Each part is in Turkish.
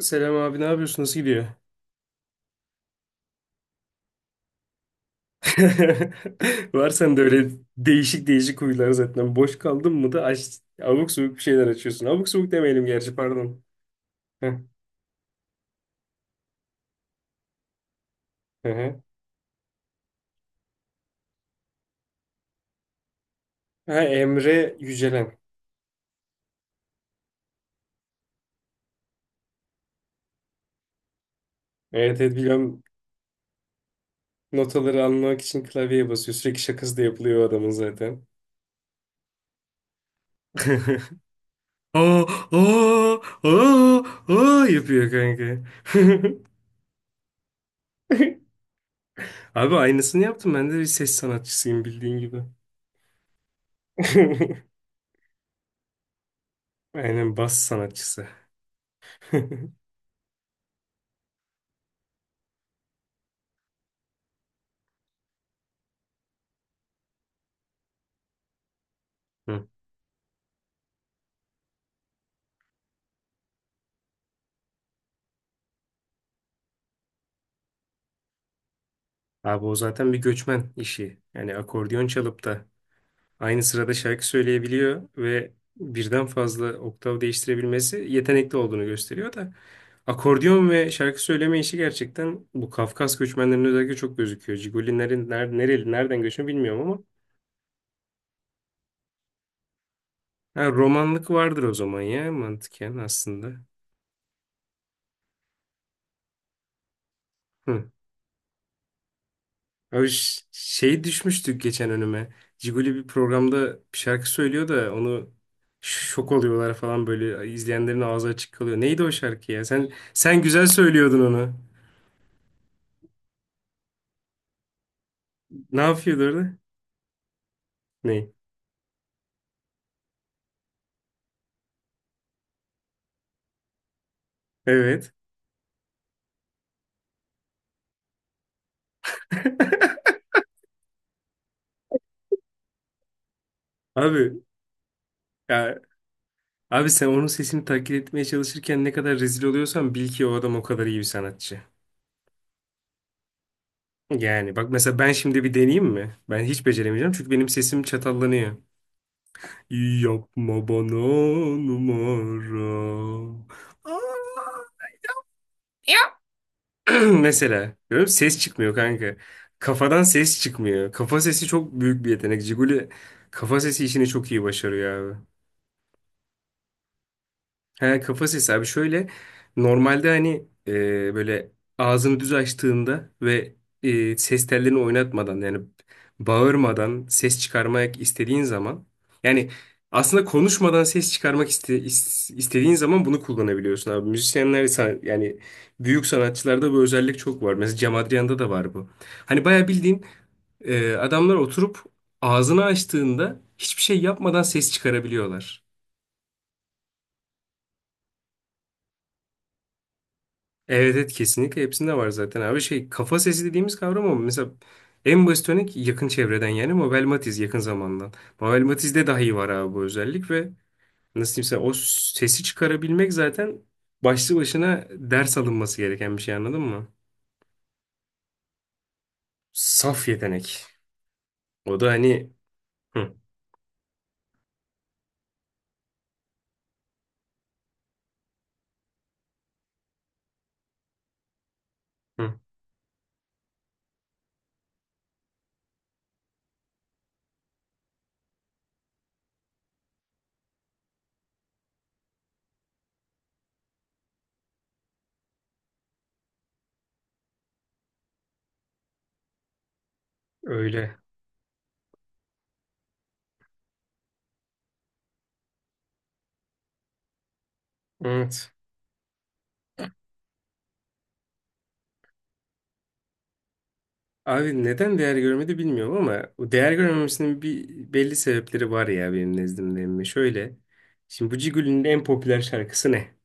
Selam abi ne yapıyorsun? Nasıl gidiyor? Var sende öyle değişik değişik huylar zaten. Boş kaldın mı da aç, abuk subuk bir şeyler açıyorsun. Abuk subuk demeyelim gerçi pardon. Heh, hı hı. Ha, Emre Yücelen. Evet evet biliyorum, notaları almak için klavyeye basıyor. Sürekli şakası da yapılıyor o adamın zaten. Aa, aa, aa, aa yapıyor kanka. Abi aynısını yaptım. Ben de bir ses sanatçısıyım bildiğin gibi. Aynen bas sanatçısı. Hı. Abi o zaten bir göçmen işi. Yani akordeon çalıp da aynı sırada şarkı söyleyebiliyor ve birden fazla oktav değiştirebilmesi yetenekli olduğunu gösteriyor da akordeon ve şarkı söyleme işi gerçekten bu Kafkas göçmenlerinin özellikle çok gözüküyor. Cigolilerin ner nereli nereden göçme bilmiyorum ama ha, romanlık vardır o zaman ya mantıken aslında. Hı. Abi şey düşmüştük geçen önüme. Ciguli bir programda bir şarkı söylüyor da onu şok oluyorlar falan böyle, izleyenlerin ağzı açık kalıyor. Neydi o şarkı ya? Sen güzel söylüyordun onu. Ne yapıyordu orada? Ne? Evet. Abi ya, abi sen onun sesini taklit etmeye çalışırken ne kadar rezil oluyorsan bil ki o adam o kadar iyi bir sanatçı. Yani bak mesela ben şimdi bir deneyeyim mi? Ben hiç beceremeyeceğim çünkü benim sesim çatallanıyor. Yapma bana numara. Aa! Mesela. Görüyor musun? Ses çıkmıyor kanka. Kafadan ses çıkmıyor. Kafa sesi çok büyük bir yetenek. Ciguli kafa sesi işini çok iyi başarıyor abi. He, kafa sesi abi şöyle, normalde hani böyle ağzını düz açtığında ve ses tellerini oynatmadan, yani bağırmadan ses çıkarmak istediğin zaman, yani aslında konuşmadan ses çıkarmak istediğin zaman bunu kullanabiliyorsun abi. Yani büyük sanatçılarda bu özellik çok var. Mesela Cem Adrian'da da var bu. Hani bayağı bildiğin adamlar oturup ağzını açtığında hiçbir şey yapmadan ses çıkarabiliyorlar. Evet, evet kesinlikle hepsinde var zaten abi, şey kafa sesi dediğimiz kavram, ama mesela en basit örnek yakın çevreden, yani Mabel Matiz yakın zamandan. Mabel Matiz'de dahi var abi bu özellik ve nasıl diyeyim sana, o sesi çıkarabilmek zaten başlı başına ders alınması gereken bir şey, anladın mı? Saf yetenek. O da hani hı, hı, öyle. Evet. Abi neden değer görmedi bilmiyorum ama o değer görmemesinin bir belli sebepleri var ya benim nezdimde. Emmi. Şöyle. Şimdi bu Cigül'ün en popüler şarkısı ne?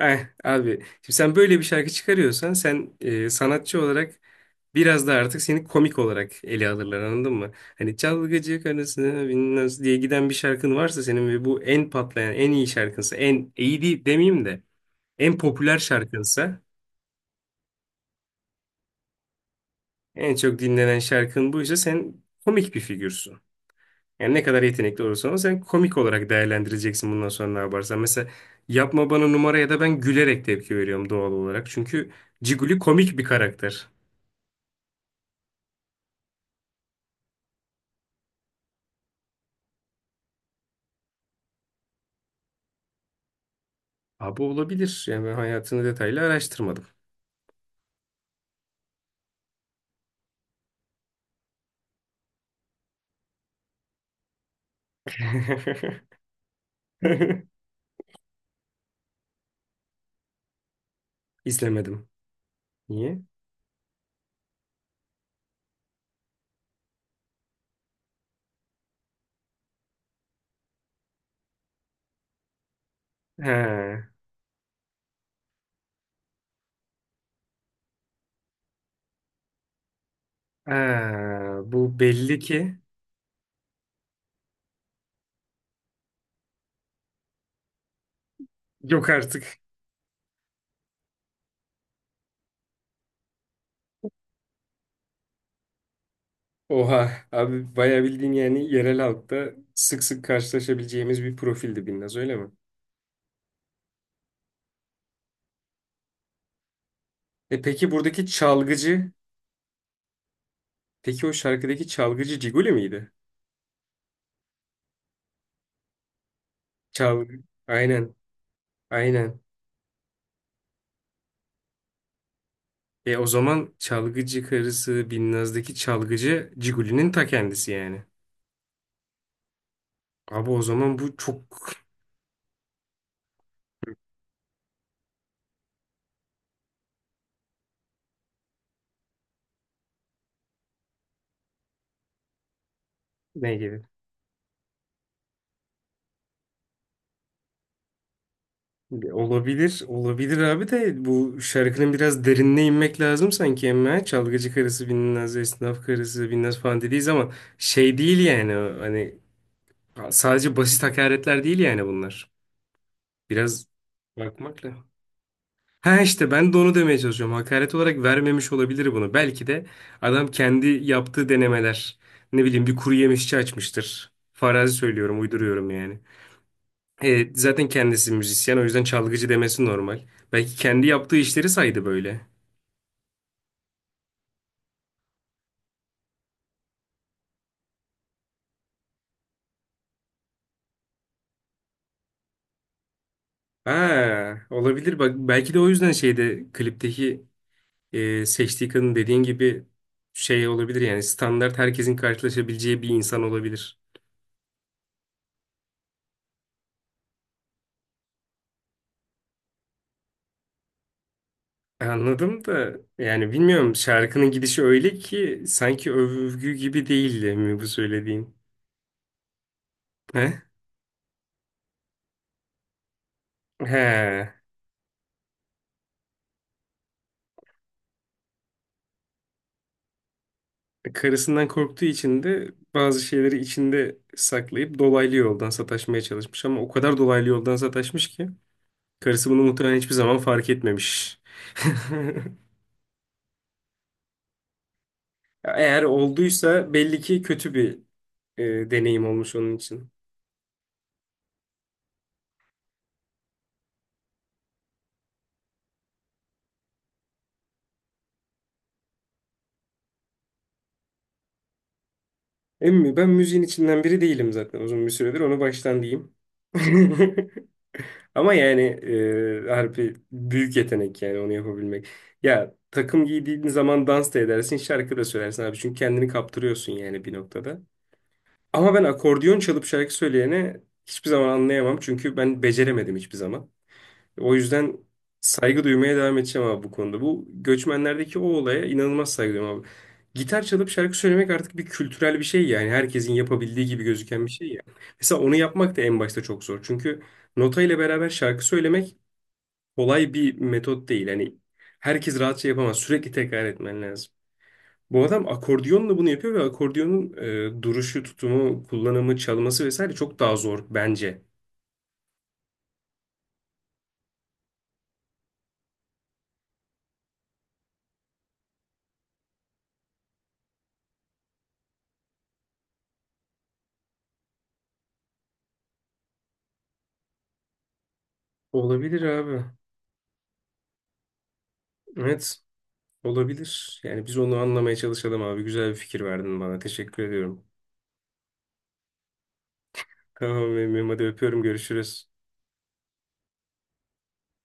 Eh, abi şimdi sen böyle bir şarkı çıkarıyorsan sen sanatçı olarak biraz da artık seni komik olarak ele alırlar, anladın mı? Hani çalgıcı karısına bilmez diye giden bir şarkın varsa senin ve bu en patlayan en iyi şarkınsa, en iyi değil demeyeyim de en popüler şarkınsa, en çok dinlenen şarkın buysa sen komik bir figürsün. Yani ne kadar yetenekli olursan ol, sen komik olarak değerlendireceksin bundan sonra ne yaparsan. Mesela yapma bana numara ya da ben gülerek tepki veriyorum doğal olarak. Çünkü Ciguli komik bir karakter. Abi olabilir. Yani ben hayatını detaylı araştırmadım. İzlemedim. Niye? He. Ha, bu belli ki yok artık. Oha abi bayağı bildiğin yani yerel halkta sık sık karşılaşabileceğimiz bir profildi Binnaz, öyle mi? E peki buradaki çalgıcı, peki o şarkıdaki çalgıcı Ciguli miydi? Çalgı, aynen, aynen. E o zaman çalgıcı karısı Binnaz'daki çalgıcı Ciguli'nin ta kendisi yani. Abi o zaman bu çok Ne gibi? Olabilir, olabilir abi, de bu şarkının biraz derinine inmek lazım sanki ama çalgıcı karısı bilinmez, esnaf karısı bilinmez falan dediğiz ama şey değil yani o, hani sadece basit hakaretler değil yani bunlar. Biraz bakmakla. Ha işte ben de onu demeye çalışıyorum. Hakaret olarak vermemiş olabilir bunu. Belki de adam kendi yaptığı denemeler. Ne bileyim, bir kuru yemişçi açmıştır. Farazi söylüyorum, uyduruyorum yani. E, zaten kendisi müzisyen, o yüzden çalgıcı demesi normal. Belki kendi yaptığı işleri saydı böyle. Ha, olabilir bak, belki de o yüzden şeyde, klipteki seçtiği kadın dediğin gibi şey olabilir, yani standart herkesin karşılaşabileceği bir insan olabilir. Anladım da, yani bilmiyorum, şarkının gidişi öyle ki sanki övgü gibi değildi mi bu söylediğin? He? He. Karısından korktuğu için de bazı şeyleri içinde saklayıp dolaylı yoldan sataşmaya çalışmış. Ama o kadar dolaylı yoldan sataşmış ki karısı bunu muhtemelen hiçbir zaman fark etmemiş. Eğer olduysa belli ki kötü bir deneyim olmuş onun için. Emmi ben müziğin içinden biri değilim zaten uzun bir süredir, onu baştan diyeyim. Ama yani harbi büyük yetenek yani onu yapabilmek. Ya takım giydiğin zaman dans da edersin, şarkı da söylersin abi. Çünkü kendini kaptırıyorsun yani bir noktada. Ama ben akordiyon çalıp şarkı söyleyene hiçbir zaman anlayamam. Çünkü ben beceremedim hiçbir zaman. O yüzden saygı duymaya devam edeceğim abi bu konuda. Bu göçmenlerdeki o olaya inanılmaz saygı duyuyorum abi. Gitar çalıp şarkı söylemek artık bir kültürel bir şey yani. Herkesin yapabildiği gibi gözüken bir şey ya. Mesela onu yapmak da en başta çok zor. Çünkü nota ile beraber şarkı söylemek kolay bir metot değil. Hani herkes rahatça yapamaz. Sürekli tekrar etmen lazım. Bu adam akordiyonla bunu yapıyor ve akordiyonun duruşu, tutumu, kullanımı, çalması vesaire çok daha zor bence. Olabilir abi. Evet, olabilir. Yani biz onu anlamaya çalışalım abi. Güzel bir fikir verdin bana. Teşekkür ediyorum. Tamam, benim hadi, öpüyorum. Görüşürüz.